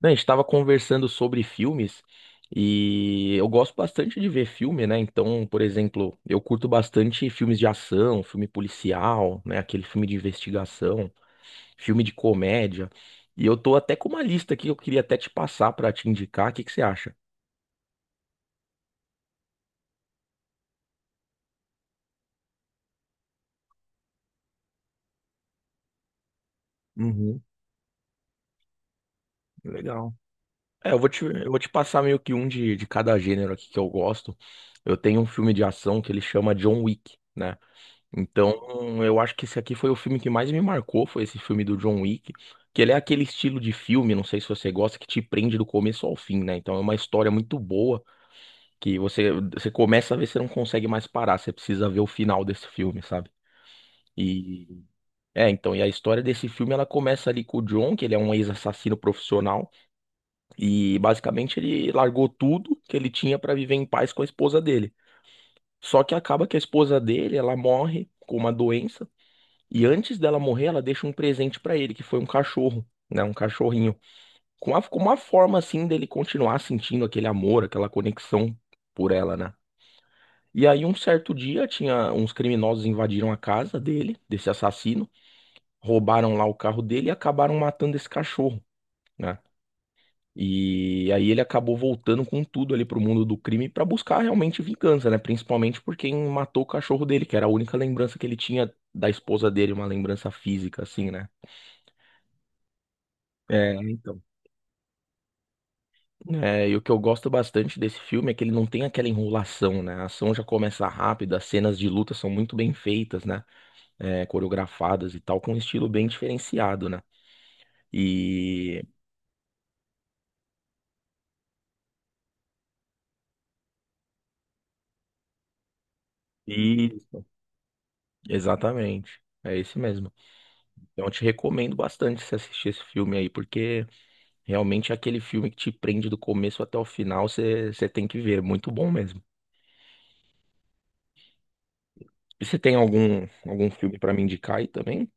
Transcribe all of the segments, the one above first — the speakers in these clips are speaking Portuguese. Não, a gente estava conversando sobre filmes e eu gosto bastante de ver filme, né? Então, por exemplo, eu curto bastante filmes de ação, filme policial, né? Aquele filme de investigação, filme de comédia. E eu tô até com uma lista aqui que eu queria até te passar para te indicar. O que que você acha? Uhum, legal. É, eu vou te passar meio que um de cada gênero aqui que eu gosto. Eu tenho um filme de ação que ele chama John Wick, né? Então, eu acho que esse aqui foi o filme que mais me marcou, foi esse filme do John Wick, que ele é aquele estilo de filme, não sei se você gosta, que te prende do começo ao fim, né? Então é uma história muito boa que você começa a ver, você não consegue mais parar, você precisa ver o final desse filme, sabe? E é, então, e a história desse filme ela começa ali com o John, que ele é um ex-assassino profissional e basicamente ele largou tudo que ele tinha pra viver em paz com a esposa dele. Só que acaba que a esposa dele, ela morre com uma doença. E antes dela morrer, ela deixa um presente pra ele, que foi um cachorro, né? Um cachorrinho. Com uma forma, assim, dele continuar sentindo aquele amor, aquela conexão por ela, né? E aí, um certo dia, tinha uns criminosos invadiram a casa dele, desse assassino, roubaram lá o carro dele e acabaram matando esse cachorro, né? E aí ele acabou voltando com tudo ali pro mundo do crime pra buscar realmente vingança, né? Principalmente por quem matou o cachorro dele, que era a única lembrança que ele tinha da esposa dele, uma lembrança física, assim, né? É, então. É, e o que eu gosto bastante desse filme é que ele não tem aquela enrolação, né? A ação já começa rápida, as cenas de luta são muito bem feitas, né? É, coreografadas e tal, com um estilo bem diferenciado, né? E. Isso, exatamente. É esse mesmo. Então eu te recomendo bastante você assistir esse filme aí, porque realmente é aquele filme que te prende do começo até o final, você tem que ver. É muito bom mesmo. E você tem algum filme pra me indicar aí também?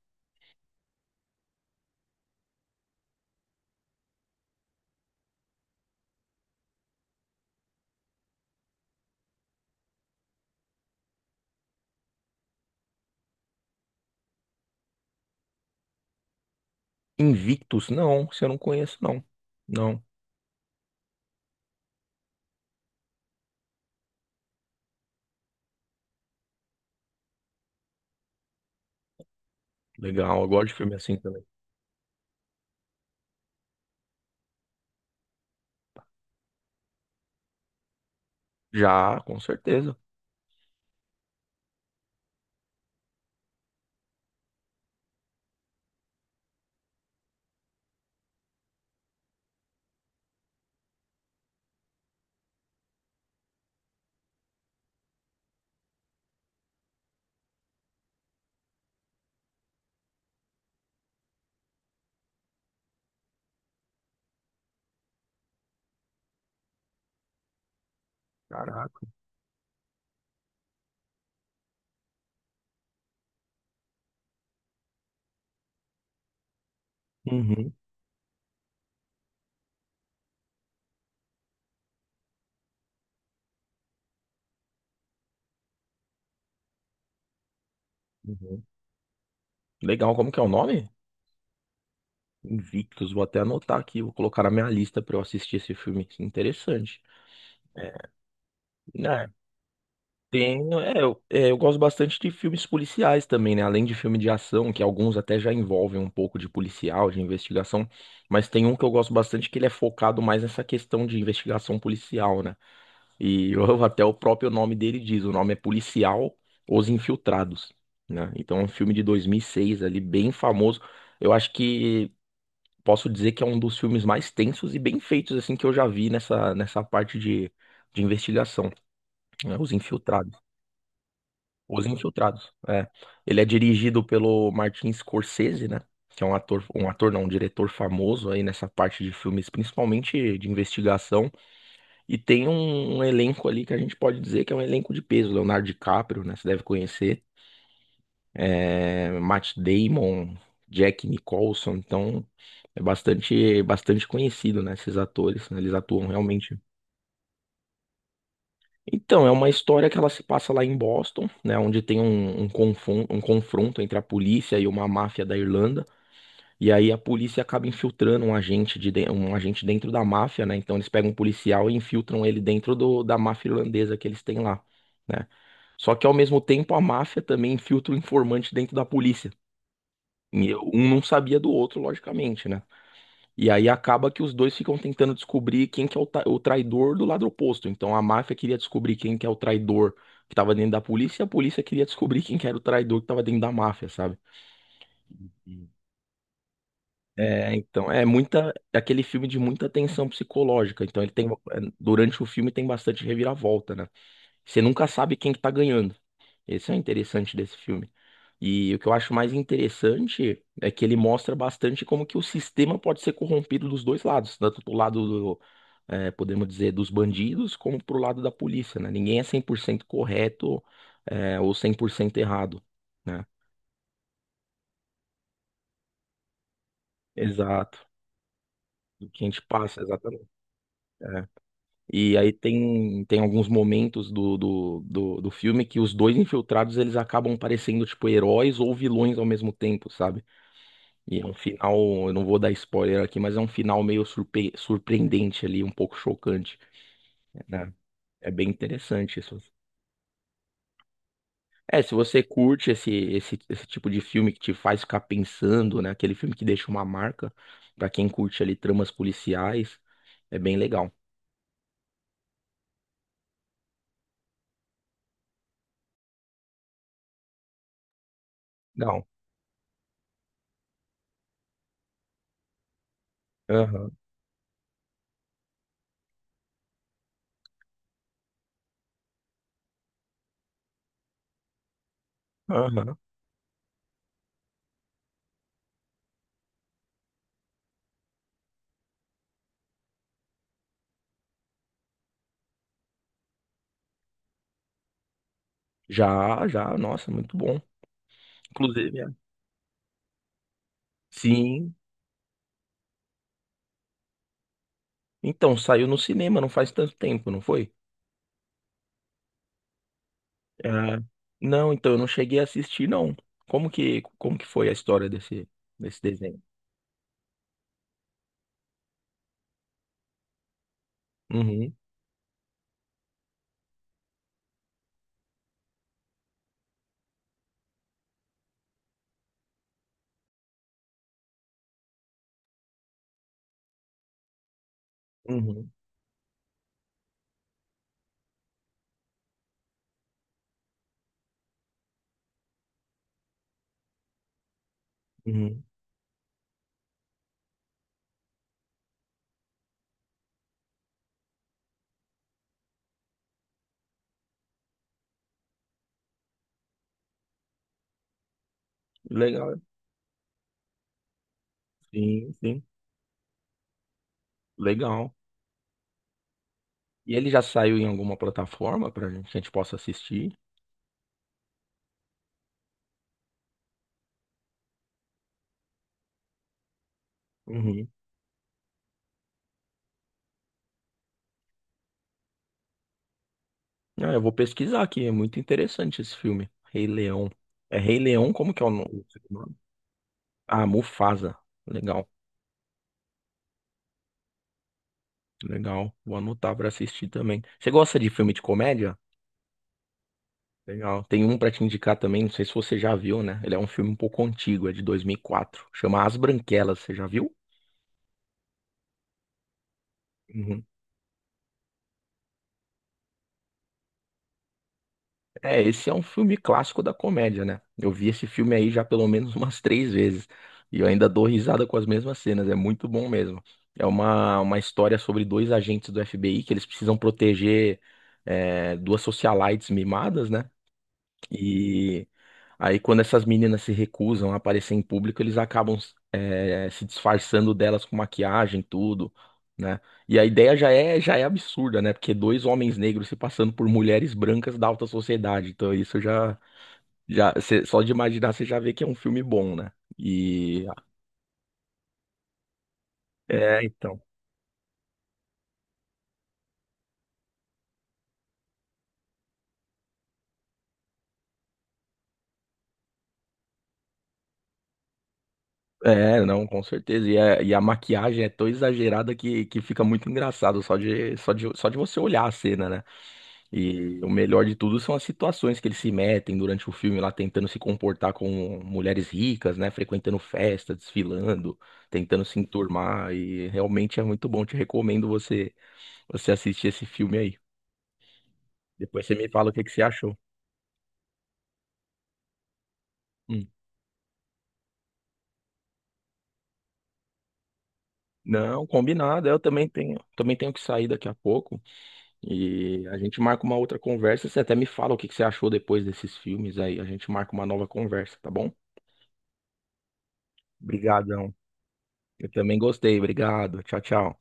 Invictus? Não, você não conhece, não. Não. Legal, eu gosto de filme assim também. Já, com certeza. Caraca. Uhum, uhum. Legal, como que é o nome? Invictus, vou até anotar aqui, vou colocar na minha lista pra eu assistir esse filme. Que interessante. É, tenho, é, eu gosto bastante de filmes policiais também, né? Além de filme de ação, que alguns até já envolvem um pouco de policial, de investigação, mas tem um que eu gosto bastante que ele é focado mais nessa questão de investigação policial, né? Até o próprio nome dele diz, o nome é Policial Os Infiltrados, né? Então é um filme de 2006 ali, bem famoso. Eu acho que posso dizer que é um dos filmes mais tensos e bem feitos assim que eu já vi nessa parte de investigação, né? Os Infiltrados. Os Infiltrados, é. Ele é dirigido pelo Martin Scorsese, né? Que é um ator não, um diretor famoso aí nessa parte de filmes, principalmente de investigação. E tem um elenco ali que a gente pode dizer que é um elenco de peso. Leonardo DiCaprio, né? Você deve conhecer. É, Matt Damon, Jack Nicholson. Então, é bastante, bastante conhecido, né? Esses atores, né, eles atuam realmente. Então, é uma história que ela se passa lá em Boston, né? Onde tem um, um confronto entre a polícia e uma máfia da Irlanda. E aí a polícia acaba infiltrando um agente dentro da máfia, né? Então eles pegam um policial e infiltram ele dentro da máfia irlandesa que eles têm lá, né? Só que ao mesmo tempo a máfia também infiltra o informante dentro da polícia. E um não sabia do outro, logicamente, né? E aí acaba que os dois ficam tentando descobrir quem que é o traidor do lado oposto. Então a máfia queria descobrir quem que é o traidor que estava dentro da polícia, e a polícia queria descobrir quem que era o traidor que estava dentro da máfia, sabe? É, então, é muita, é aquele filme de muita tensão psicológica. Então ele tem, é, durante o filme tem bastante reviravolta, né? Você nunca sabe quem que tá ganhando. Esse é o interessante desse filme. E o que eu acho mais interessante é que ele mostra bastante como que o sistema pode ser corrompido dos dois lados, tanto do lado é, podemos dizer, dos bandidos, como pro lado da polícia, né? Ninguém é 100% correto, é, ou 100% errado, né? Exato. O que a gente passa, exatamente. É. E aí tem, tem alguns momentos do filme que os dois infiltrados eles acabam parecendo tipo heróis ou vilões ao mesmo tempo, sabe? E é um final, eu não vou dar spoiler aqui, mas é um final meio surpreendente ali, um pouco chocante, né? É bem interessante isso. É, se você curte esse tipo de filme que te faz ficar pensando, né? Aquele filme que deixa uma marca, pra quem curte ali tramas policiais, é bem legal. Legal. Aham, aham. Já, já, nossa, muito bom. Inclusive, sim. Então, saiu no cinema não faz tanto tempo, não foi? É. Não, então eu não cheguei a assistir, não. Como que foi a história desse, desse desenho? Uhum, uhum, uhum. Legal. Sim, sim. Legal. E ele já saiu em alguma plataforma pra gente, que a gente possa assistir? Uhum. Ah, eu vou pesquisar aqui, é muito interessante esse filme. Rei Leão. É Rei Leão, como que é o no- o nome? Ah, Mufasa. Legal, legal. Vou anotar pra assistir também. Você gosta de filme de comédia? Legal. Tem um pra te indicar também, não sei se você já viu, né? Ele é um filme um pouco antigo, é de 2004. Chama As Branquelas, você já viu? Uhum. É, esse é um filme clássico da comédia, né? Eu vi esse filme aí já pelo menos umas três vezes. E eu ainda dou risada com as mesmas cenas, é muito bom mesmo. É uma história sobre dois agentes do FBI que eles precisam proteger é, duas socialites mimadas, né? E aí, quando essas meninas se recusam a aparecer em público, eles acabam se disfarçando delas com maquiagem, tudo, né? E a ideia já é absurda, né? Porque dois homens negros se passando por mulheres brancas da alta sociedade. Então, isso já, só de imaginar, você já vê que é um filme bom, né? E é, então. É, não, com certeza. E, e a maquiagem é tão exagerada que fica muito engraçado só de você olhar a cena, né? E o melhor de tudo são as situações que eles se metem durante o filme lá, tentando se comportar com mulheres ricas, né? Frequentando festa, desfilando, tentando se enturmar. E realmente é muito bom. Te recomendo você assistir esse filme aí. Depois você me fala o que que você achou. Hum. Não, combinado. Eu também tenho que sair daqui a pouco. E a gente marca uma outra conversa. Você até me fala o que que você achou depois desses filmes aí. A gente marca uma nova conversa, tá bom? Obrigadão. Eu também gostei. Obrigado. Tchau, tchau.